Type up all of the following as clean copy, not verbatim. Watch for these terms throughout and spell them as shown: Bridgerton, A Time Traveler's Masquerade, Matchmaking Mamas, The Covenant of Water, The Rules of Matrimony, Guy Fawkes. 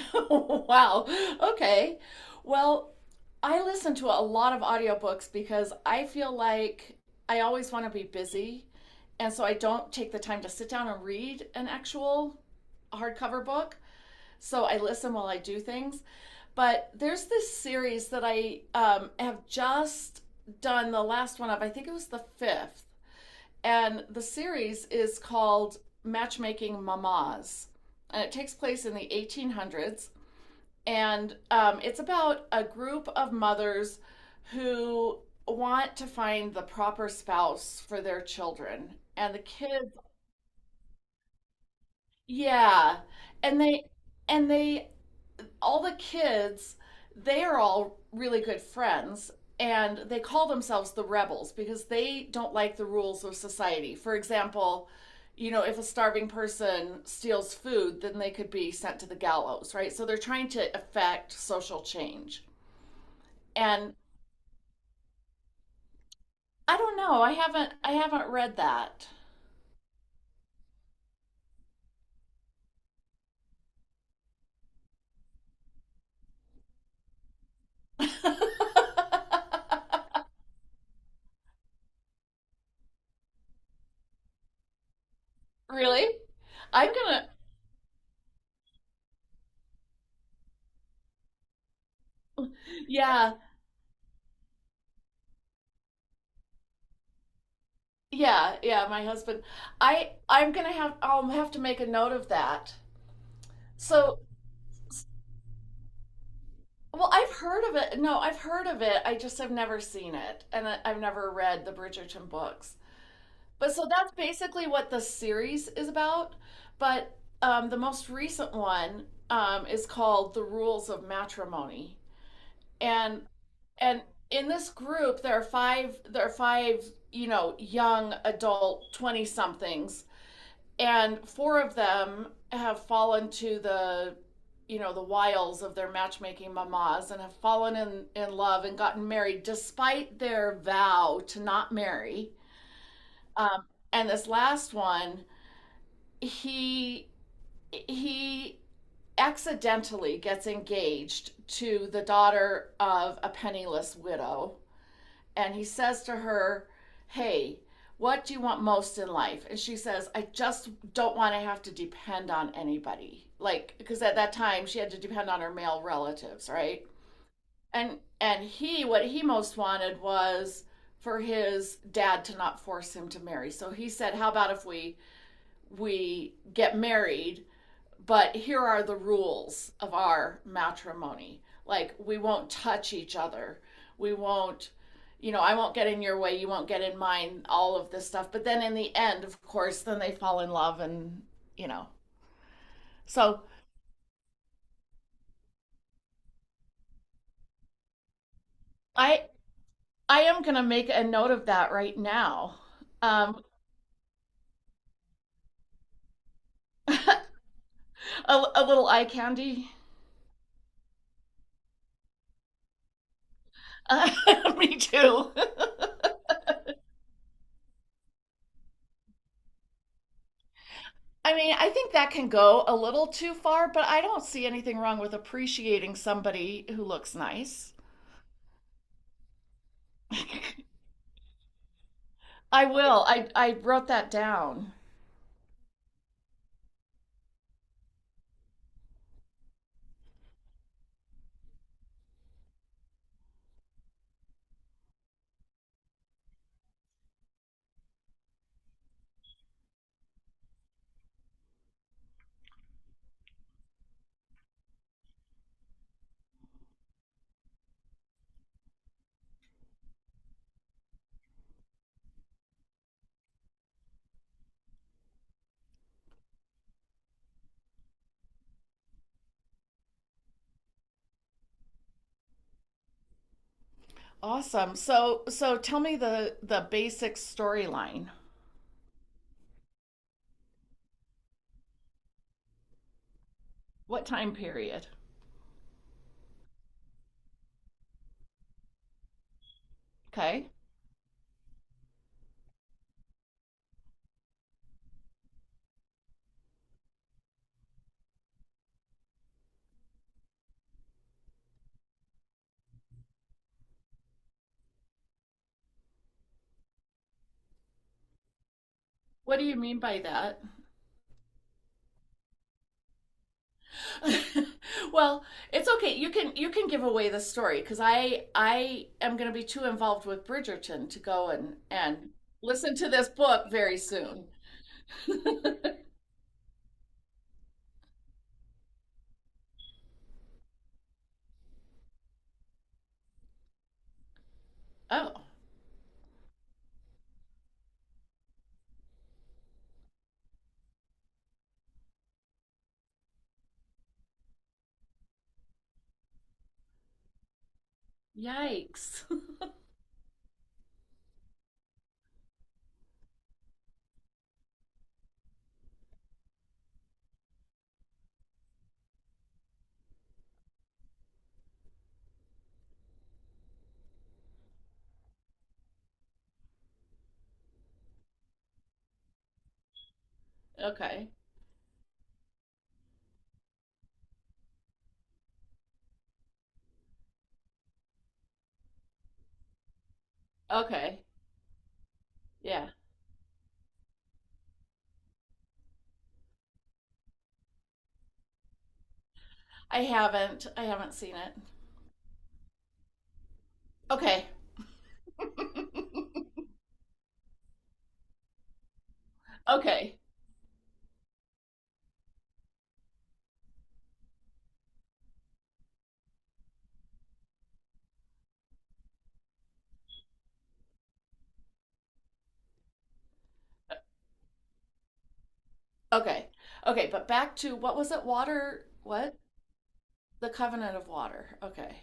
Wow. Okay. Well, I listen to a lot of audiobooks because I feel like I always want to be busy. And so I don't take the time to sit down and read an actual hardcover book. So I listen while I do things. But there's this series that I have just done the last one of, I think it was the fifth. And the series is called Matchmaking Mamas. And it takes place in the 1800s and it's about a group of mothers who want to find the proper spouse for their children and the kids. Yeah. And they and they all the kids, they are all really good friends, and they call themselves the rebels because they don't like the rules of society. For example, you know, if a starving person steals food, then they could be sent to the gallows, right? So they're trying to affect social change. And I don't know. I haven't read that. Really? I'm gonna, yeah, yeah, yeah, my husband, I I'm gonna have I'll have to make a note of that. So, well, I've heard of it. No, I've heard of it. I just have never seen it, and I've never read the Bridgerton books. But so that's basically what the series is about. But the most recent one is called The Rules of Matrimony, and and in this group there are five you know, young adult 20 somethings, and four of them have fallen to the, you know, the wiles of their matchmaking mamas and have fallen in love and gotten married despite their vow to not marry. um, and this last one, he he accidentally gets engaged to the daughter of a penniless widow, and he says to her, "Hey, what do you want most in life?" And she says, "I just don't want to have to depend on anybody." Like, because at that time she had to depend on her male relatives, right? And he, what he most wanted was for his dad to not force him to marry. So he said, "How about if we get married, but here are the rules of our matrimony. Like, we won't touch each other. We won't, you know, I won't get in your way. You won't get in mine," all of this stuff. But then in the end, of course, then they fall in love and, you know. So I, I am going to make a note of that right now. Um, a little eye candy. Uh, me too. I mean, I think that can go a little too far, but I don't see anything wrong with appreciating somebody who looks nice. I will. I wrote that down. Awesome. So tell me the basic storyline. What time period? Okay. What do you mean by that? Well, it's okay. You can give away the story, because I am going to be too involved with Bridgerton to go and listen to this book very soon. Oh, yikes. okay. Okay. Yeah. I haven't seen it. Okay. Okay. Okay. Okay, but back to, what was it? Water, what? The Covenant of Water. Okay.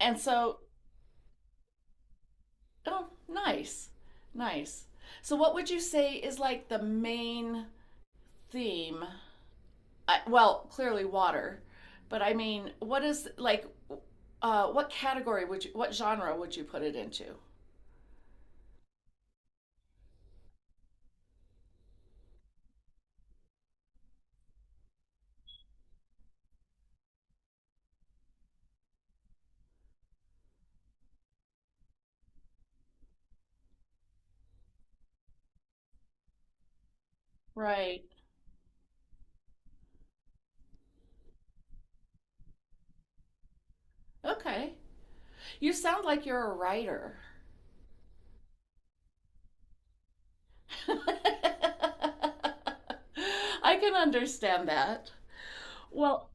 And so, oh, nice. Nice. So what would you say is like the main theme? I, well, clearly water, but I mean, what is like what category would you, what genre would you put it into? Right. Okay. You sound like you're a writer. I can understand that. Well,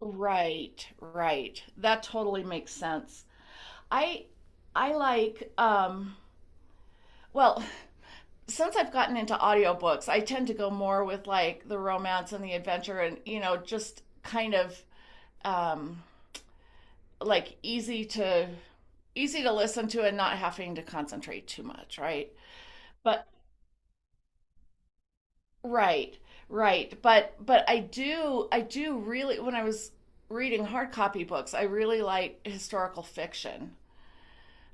right, right. That totally makes sense. I I like well, since I've gotten into audiobooks, I tend to go more with like the romance and the adventure and, you know, just kind of um like easy to listen to, and not having to concentrate too much, right? But right, right. But I do really, when I was reading hard copy books, I really like historical fiction.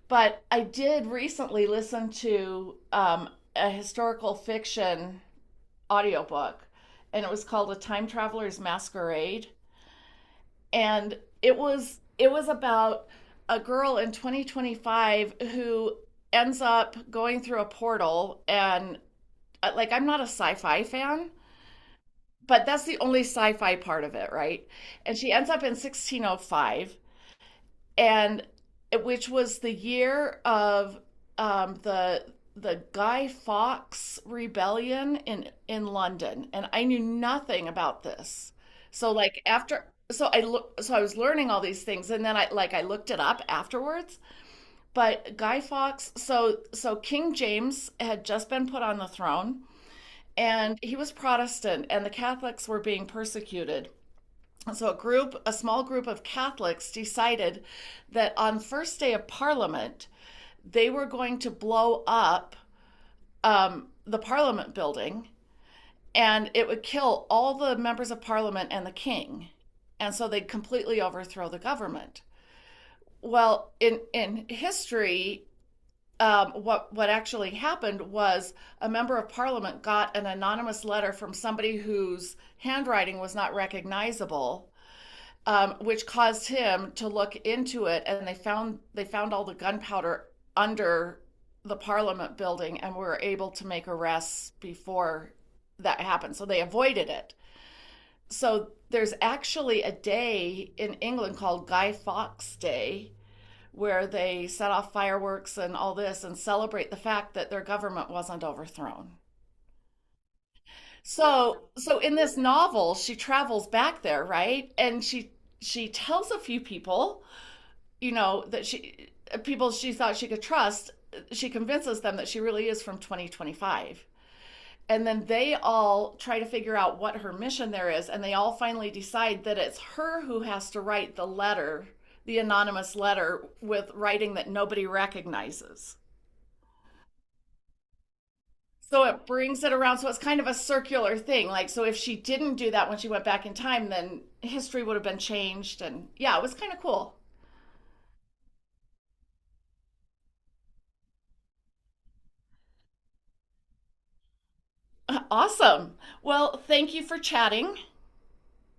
But I did recently listen to a historical fiction audiobook, and it was called A Time Traveler's Masquerade. And it was about a girl in 2025 who ends up going through a portal, and like, I'm not a sci-fi fan, but that's the only sci-fi part of it, right? And she ends up in 1605, and which was the year of um, the the Guy Fawkes rebellion in London, and I knew nothing about this. So like, after, so I look, so I was learning all these things, and then I, like, I looked it up afterwards. But Guy Fawkes, so King James had just been put on the throne, and he was Protestant, and the Catholics were being persecuted. So a group, a small group of Catholics decided that on first day of Parliament, they were going to blow up the Parliament building, and it would kill all the members of Parliament and the King, and so they'd completely overthrow the government. Well, in history, what actually happened was a member of parliament got an anonymous letter from somebody whose handwriting was not recognizable, which caused him to look into it. And they found all the gunpowder under the Parliament building, and were able to make arrests before that happened. So they avoided it. So there's actually a day in England called Guy Fawkes Day where they set off fireworks and all this, and celebrate the fact that their government wasn't overthrown. So in this novel, she travels back there, right? And she tells a few people, you know, that she, people she thought she could trust, she convinces them that she really is from 2025. And then they all try to figure out what her mission there is, and they all finally decide that it's her who has to write the letter, the anonymous letter with writing that nobody recognizes. So it brings it around. So it's kind of a circular thing. Like, so if she didn't do that when she went back in time, then history would have been changed. And yeah, it was kind of cool. Awesome. Well, thank you for chatting.